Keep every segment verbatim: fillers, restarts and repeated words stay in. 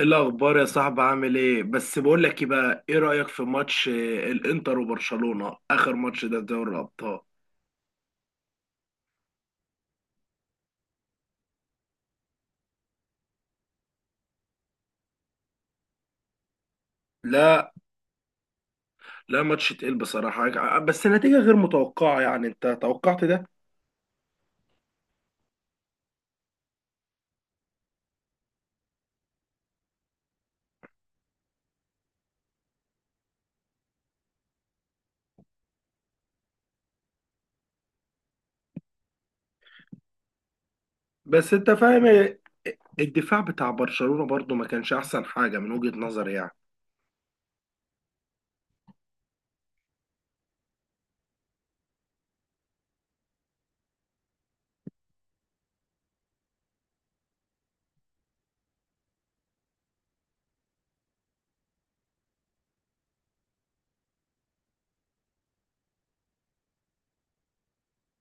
إيه الاخبار يا صاحبي؟ عامل ايه؟ بس بقول لك ايه بقى، ايه رايك في ماتش آه، الانتر وبرشلونه، اخر ماتش ده في دوري الابطال؟ لا، لا ماتش تقيل بصراحه ع- بس النتيجه غير متوقعه، يعني انت توقعت ده؟ بس انت فاهم إيه، الدفاع بتاع برشلونه برضو ما كانش احسن حاجه من وجهه نظري يعني.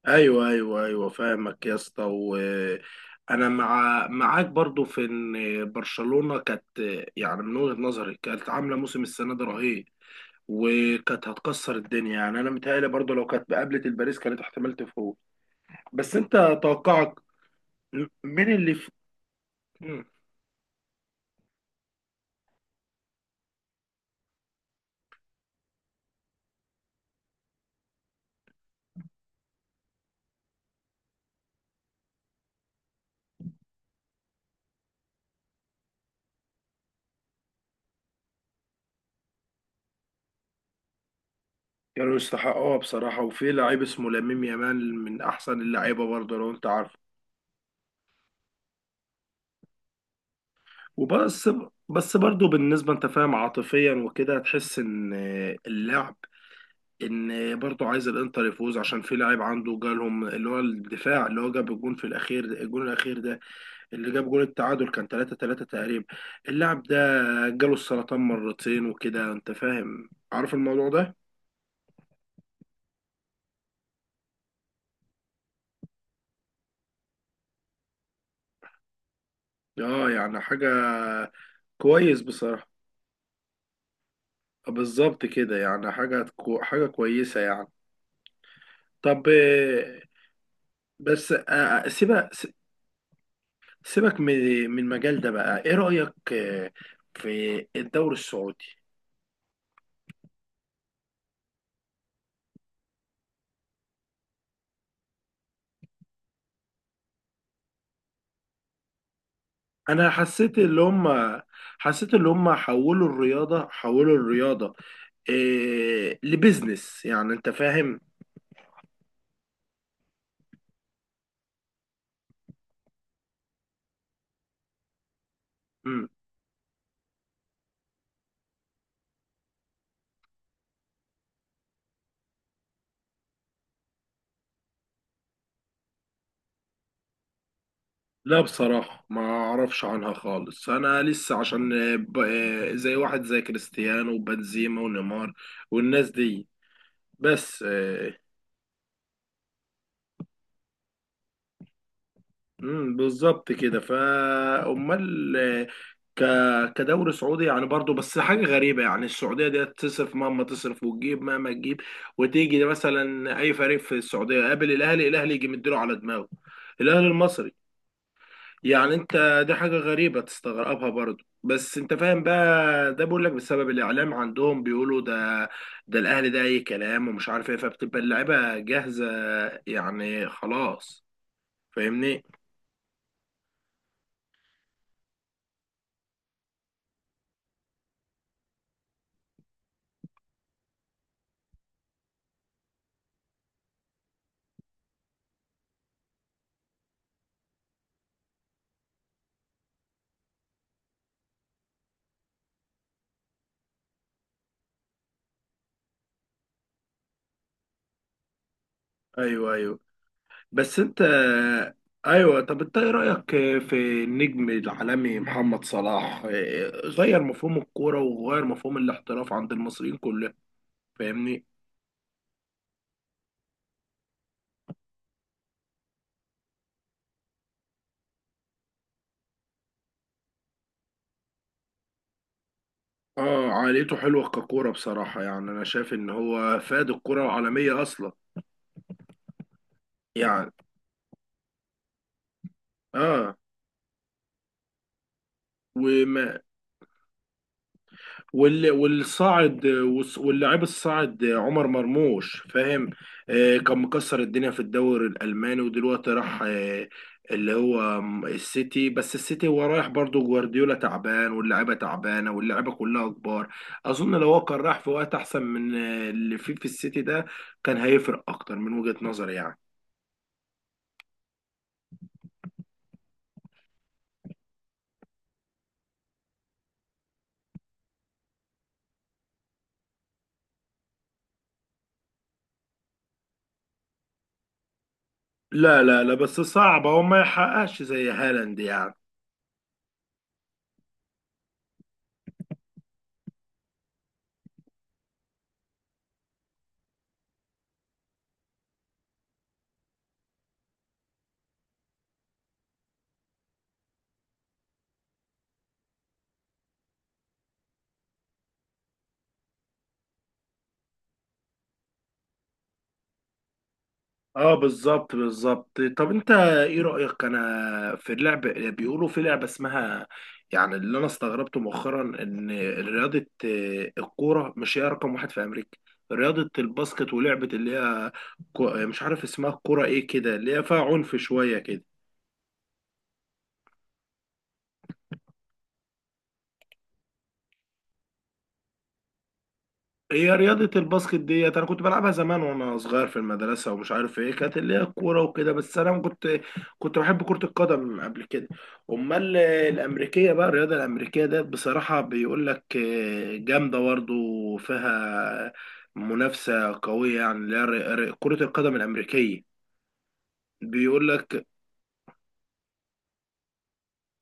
ايوه ايوه ايوه، فاهمك يا اسطى، وانا مع معاك برضو في ان برشلونه كانت، يعني من وجهه نظري كانت عامله موسم السنه ده رهيب، وكانت هتكسر الدنيا. يعني انا متهيألي برضو لو كانت قابلت الباريس كانت احتمال تفوز. بس انت توقعك، م- مين اللي في؟ مم. كانوا يستحقوها بصراحة، وفي لعيب اسمه لامين يامال من احسن اللعيبة برضو لو انت عارف. وبس، بس برضو بالنسبة انت فاهم، عاطفيا وكده تحس ان اللعب، ان برضو عايز الانتر يفوز عشان في لاعب عنده جالهم، اللي هو الدفاع اللي هو جاب الجون في الاخير ده، الجون الاخير ده اللي جاب جول التعادل، كان تلاتة تلاتة تقريبا. اللاعب ده جاله السرطان مرتين وكده، انت فاهم عارف الموضوع ده؟ اه يعني حاجة كويس بصراحة. بالظبط كده، يعني حاجة كو- حاجة كويسة يعني. طب آه، بس آه، سيبك، سيبك من من المجال ده بقى. ايه رأيك آه، في الدوري السعودي؟ انا حسيت اللي هم حسيت اللي هم حولوا الرياضة، حولوا الرياضة إيه لبزنس، يعني انت فاهم؟ مم. لا بصراحة ما اعرفش عنها خالص، انا لسه عشان آه، ب... آه، زي واحد زي كريستيانو وبنزيما ونيمار والناس دي. بس آه، مم، بالظبط كده. فامال آه، ك... كدوري سعودي يعني برضو، بس حاجة غريبة يعني، السعودية دي تصرف مهما تصرف وتجيب مهما تجيب، وتيجي مثلا اي فريق في السعودية قابل الاهلي، الاهلي يجي مديله على دماغه، الاهلي المصري. يعني انت دي حاجة غريبة تستغربها برضو، بس انت فاهم بقى؟ ده بقول لك بسبب الاعلام عندهم، بيقولوا ده ده الاهلي، ده اي كلام ومش عارف ايه، فبتبقى اللعيبة جاهزة يعني، خلاص. فاهمني؟ ايوه ايوه. بس انت، ايوه، طب انت ايه رأيك في النجم العالمي محمد صلاح؟ آه، غير مفهوم الكورة وغير مفهوم الاحتراف عند المصريين كلهم، فاهمني؟ اه، عائلته حلوة ككورة بصراحة، يعني انا شايف ان هو فاد الكرة العالمية اصلا يعني. اه، وما وال- والصاعد والص- واللاعب الصاعد عمر مرموش، فاهم؟ آه كان مكسر الدنيا في الدوري الالماني، ودلوقتي راح آه اللي هو م- السيتي. بس السيتي هو رايح برضه، جوارديولا تعبان واللعيبه تعبانه واللعيبه كلها كبار. اظن لو هو كان راح في وقت احسن من آه، اللي فيه في السيتي ده، كان هيفرق اكتر من وجهة نظري يعني. لا لا لا، بس صعب هو ما يحققش زي هالاند يعني. اه بالظبط بالظبط. طب انت ايه رأيك انا في اللعب؟ بيقولوا في لعبة اسمها، يعني اللي انا استغربته مؤخرا ان رياضة آه، الكورة مش هي رقم واحد في امريكا، رياضة الباسكت ولعبة اللي هي كو- مش عارف اسمها، الكورة ايه كده اللي هي فيها عنف شوية كده. هي رياضة الباسكت ديت أنا كنت بلعبها زمان وأنا صغير في المدرسة، ومش عارف إيه كانت اللي هي الكورة وكده. بس أنا ما كنت كنت بحب كرة القدم قبل كده. أمال الأمريكية بقى، الرياضة الأمريكية ديت بصراحة بيقول لك آه، جامدة برضه، فيها منافسة قوية يعني، اللي هي ر- ر- كرة القدم الأمريكية. بيقول لك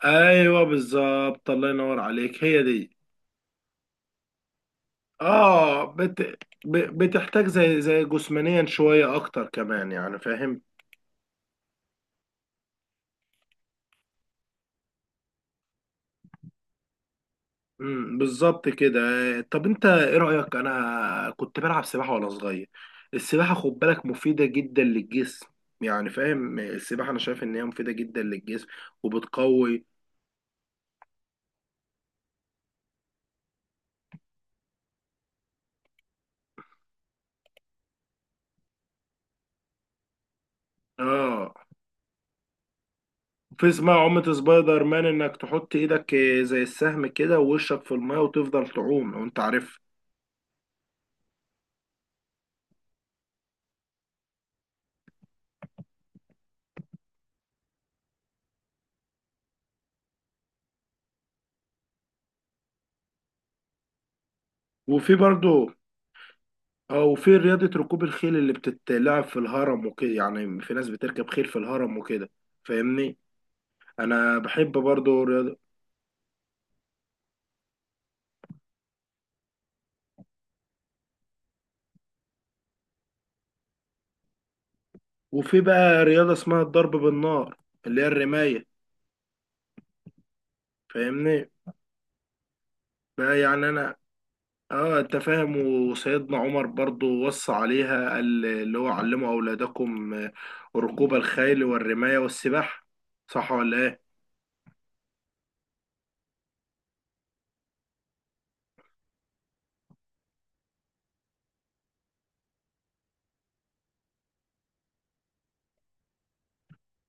أيوه بالظبط، الله ينور عليك، هي دي. آه بت ب- بتحتاج زي زي جسمانيا شوية أكتر كمان، يعني فاهم؟ امم بالظبط كده. طب انت ايه رأيك؟ انا كنت بلعب سباحة وانا صغير، السباحة خد بالك مفيدة جدا للجسم، يعني فاهم؟ السباحة انا شايف ان هي مفيدة جدا للجسم وبتقوي. اه، في اسمها عومة سبايدر مان، انك تحط ايدك زي السهم كده ووشك في الماء وتفضل تعوم، لو انت عارف. وفي برضو اه، وفي رياضة ركوب الخيل اللي بتتلعب في الهرم وكده، يعني في ناس بتركب خيل في الهرم وكده، فاهمني؟ انا بحب برضو رياضة، وفي بقى رياضة اسمها الضرب بالنار اللي هي الرماية، فاهمني؟ بقى يعني انا، اه انت فاهم، وسيدنا عمر برضو وصى عليها، قال اللي هو علموا اولادكم آه، ركوب الخيل والرماية والسباحة، صح ولا ايه؟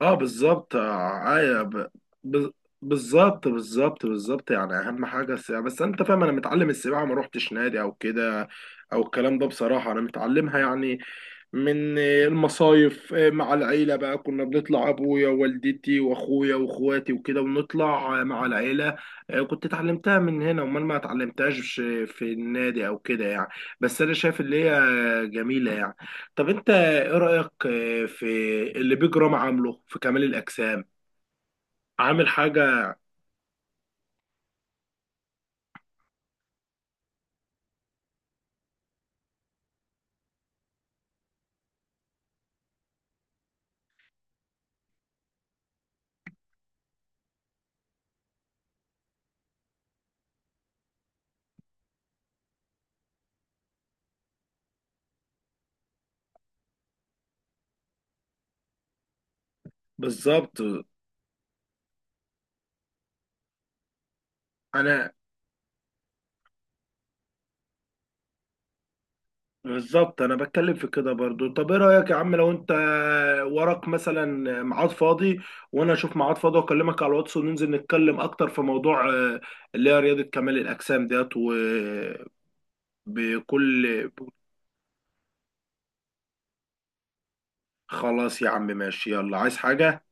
اه بالظبط، آه ايوه ب... ب... بالظبط بالظبط بالظبط، يعني اهم حاجه السباحه. بس انت فاهم، انا متعلم السباحه ما روحتش نادي او كده او الكلام ده، بصراحه انا متعلمها يعني من آه، المصايف آه، مع العيله، بقى كنا بنطلع ابويا ووالدتي واخويا واخواتي وكده، ونطلع آه، مع العيله. آه، كنت اتعلمتها من هنا، امال ما اتعلمتهاش في النادي او كده يعني. بس انا شايف اللي هي آه، جميله يعني. طب انت ايه رأيك آه، في اللي بيج رام عامله في كمال الأجسام؟ عامل حاجة؟ بالظبط، انا بالظبط انا بتكلم في كده برضو. طب ايه رأيك يا عم، لو انت وراك مثلا ميعاد فاضي وانا اشوف ميعاد فاضي، واكلمك على الواتس وننزل نتكلم اكتر في موضوع آه، اللي هي رياضة كمال الأجسام ديت، وبكل خلاص يا عم، ماشي، يلا. عايز حاجة؟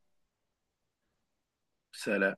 سلام.